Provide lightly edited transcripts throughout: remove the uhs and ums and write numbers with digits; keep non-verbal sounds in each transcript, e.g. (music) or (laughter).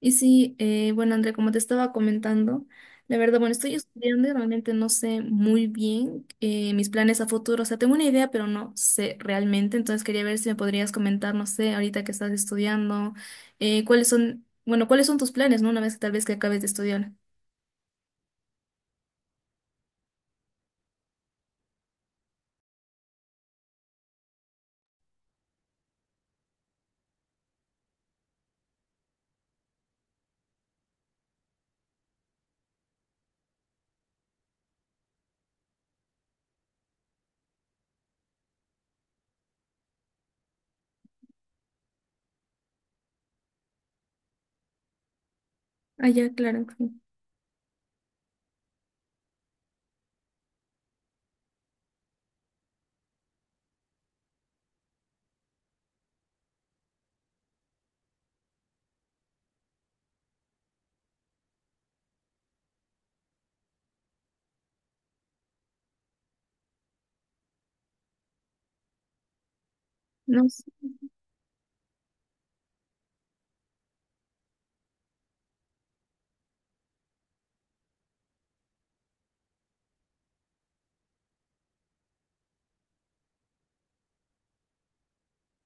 Y sí, bueno, Andrea, como te estaba comentando, la verdad, bueno, estoy estudiando y realmente no sé muy bien mis planes a futuro. O sea, tengo una idea, pero no sé realmente. Entonces quería ver si me podrías comentar, no sé, ahorita que estás estudiando, cuáles son, bueno, cuáles son tus planes, ¿no? Una vez que tal vez que acabes de estudiar. Ah, ya, claro. Sí. No, s-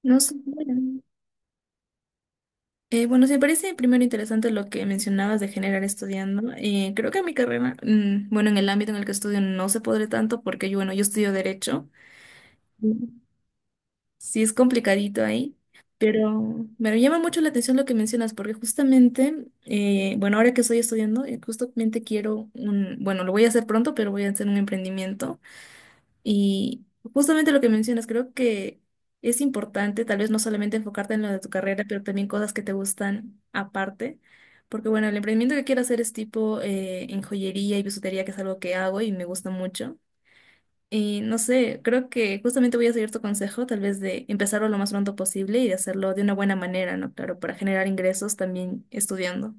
no sé. Bueno. Bueno, sí, me parece primero interesante lo que mencionabas de generar estudiando. Creo que en mi carrera, bueno, en el ámbito en el que estudio no se podré tanto porque yo, bueno, yo estudio derecho. Sí, es complicadito ahí, pero me llama mucho la atención lo que mencionas, porque justamente, bueno, ahora que estoy estudiando, justamente quiero un, bueno, lo voy a hacer pronto, pero voy a hacer un emprendimiento. Y justamente lo que mencionas, creo que es importante tal vez no solamente enfocarte en lo de tu carrera, pero también cosas que te gustan aparte. Porque bueno, el emprendimiento que quiero hacer es tipo en joyería y bisutería, que es algo que hago y me gusta mucho. Y no sé, creo que justamente voy a seguir tu consejo, tal vez de empezarlo lo más pronto posible y de hacerlo de una buena manera, ¿no? Claro, para generar ingresos también estudiando.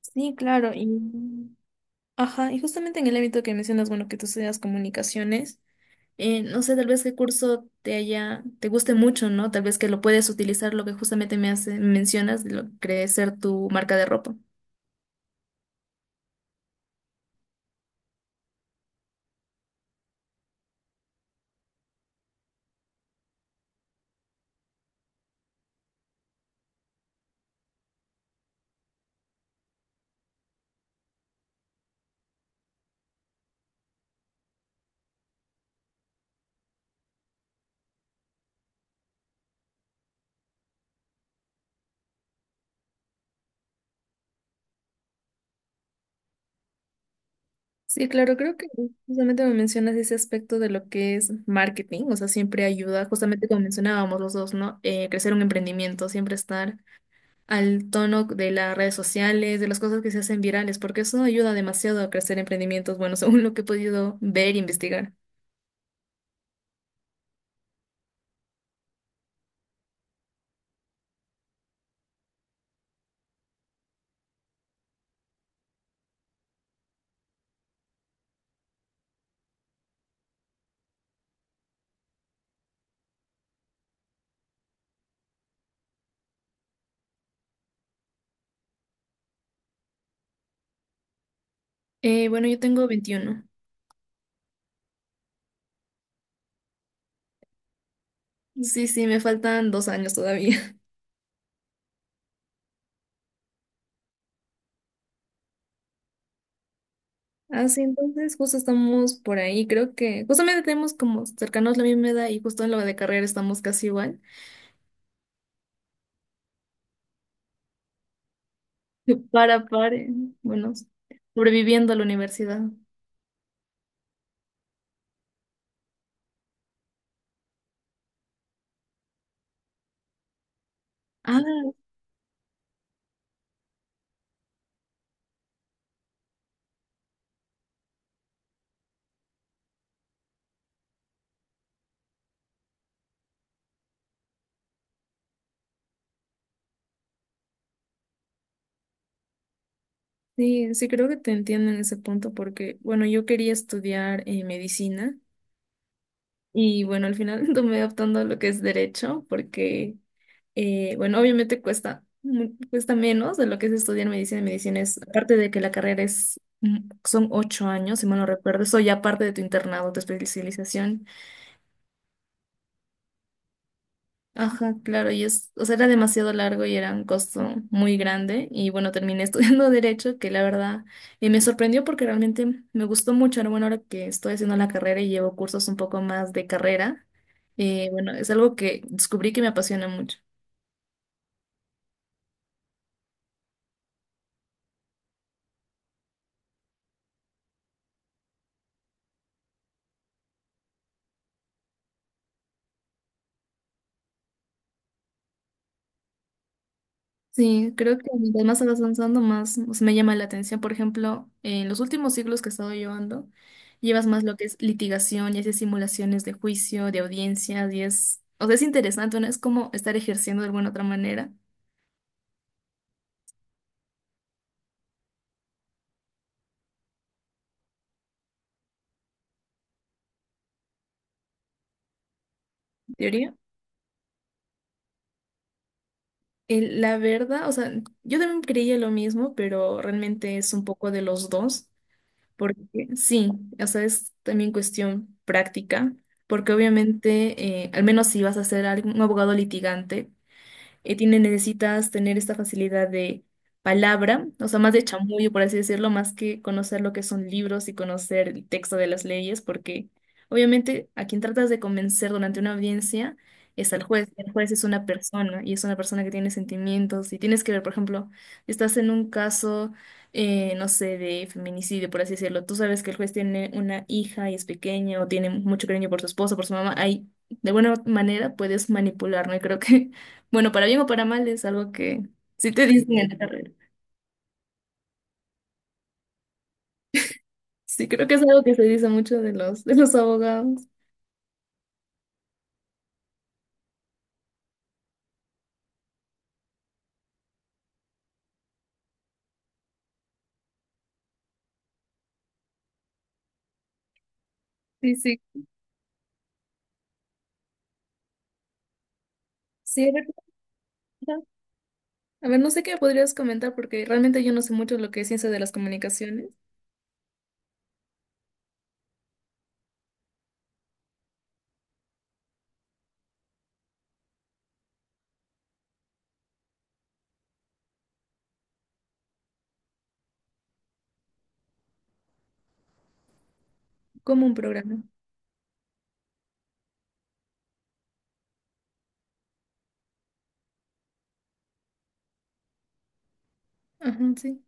Sí, claro. Y ajá, y justamente en el ámbito que mencionas, bueno, que tú estudias comunicaciones, no sé, tal vez qué curso te haya, te guste mucho, ¿no? Tal vez que lo puedes utilizar, lo que justamente me hace, me mencionas, de lo que es ser tu marca de ropa. Sí, claro, creo que justamente me mencionas ese aspecto de lo que es marketing, o sea, siempre ayuda, justamente como mencionábamos los dos, ¿no? Crecer un emprendimiento, siempre estar al tono de las redes sociales, de las cosas que se hacen virales, porque eso ayuda demasiado a crecer emprendimientos, bueno, (laughs) según lo que he podido ver e investigar. Bueno, yo tengo 21. Sí, sí, me faltan 2 años todavía. (laughs) Así, entonces justo estamos por ahí, creo que justamente tenemos como cercanos la misma edad y justo en lo de carrera estamos casi igual. (laughs) Para, pare. Bueno, sobreviviendo a la universidad. Ah, sí, sí, creo que te entiendo en ese punto porque, bueno, yo quería estudiar medicina y, bueno, al final (laughs) tomé optando a lo que es derecho porque, bueno, obviamente cuesta, cuesta menos de lo que es estudiar medicina. Medicina es, aparte de que la carrera es, son 8 años, si mal no recuerdo, eso ya aparte de tu internado, tu especialización. Ajá, claro, y es, o sea, era demasiado largo y era un costo muy grande y bueno, terminé (laughs) estudiando derecho, que la verdad me sorprendió porque realmente me gustó mucho. Ahora, bueno, ahora que estoy haciendo la carrera y llevo cursos un poco más de carrera, bueno, es algo que descubrí que me apasiona mucho. Sí, creo que mientras más vas avanzando, más o sea, me llama la atención. Por ejemplo, en los últimos siglos que he estado llevando, llevas más lo que es litigación y haces simulaciones de juicio, de audiencias, y es, o sea, es interesante, ¿no? Es como estar ejerciendo de alguna otra manera, teoría. La verdad, o sea, yo también creía lo mismo, pero realmente es un poco de los 2, porque sí, o sea, es también cuestión práctica. Porque obviamente, al menos si vas a ser un abogado litigante, tiene, necesitas tener esta facilidad de palabra, o sea, más de chamuyo, por así decirlo, más que conocer lo que son libros y conocer el texto de las leyes, porque obviamente a quien tratas de convencer durante una audiencia es al juez. El juez es una persona y es una persona que tiene sentimientos y tienes que ver, por ejemplo, estás en un caso no sé, de feminicidio, por así decirlo. Tú sabes que el juez tiene una hija y es pequeña o tiene mucho cariño por su esposa, por su mamá. Ahí, de buena manera, puedes manipular, ¿no? Y creo que bueno, para bien o para mal es algo que sí te dicen en la carrera. Sí, creo que es algo que se dice mucho de los abogados. Sí, sí. Sí, a ver, comenta. A ver, no sé qué podrías comentar porque realmente yo no sé mucho lo que es ciencia de las comunicaciones, como un programa. Ajá, sí.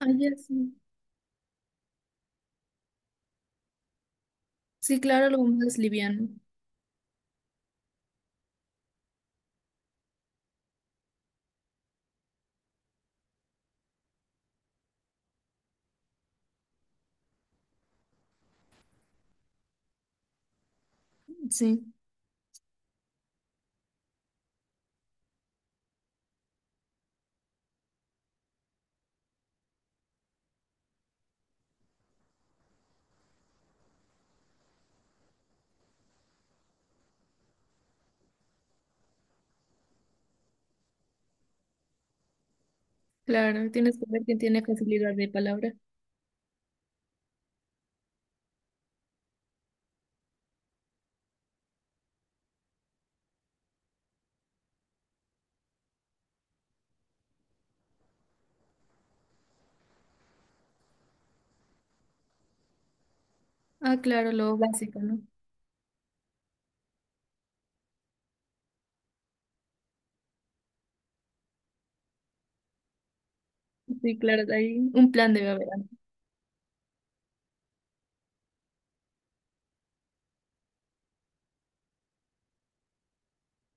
Ah, ya, sí. Sí, claro, algo más liviano. Sí, claro, tienes que ver quién tiene facilidad de palabra. Ah, claro, lo básico, ¿no? Sí, claro, de ahí un plan debe haber.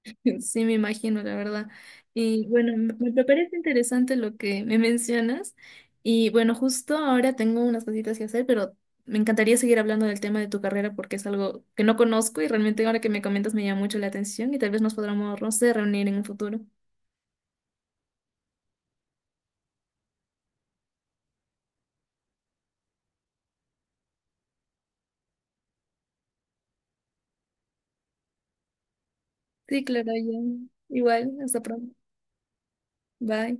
(laughs) Sí, me imagino, la verdad. Y bueno, me parece interesante lo que me mencionas. Y bueno, justo ahora tengo unas cositas que hacer, pero me encantaría seguir hablando del tema de tu carrera porque es algo que no conozco y realmente ahora que me comentas me llama mucho la atención y tal vez nos podamos, no sé, reunir en un futuro. Sí, claro, ya. Igual, hasta pronto. Bye.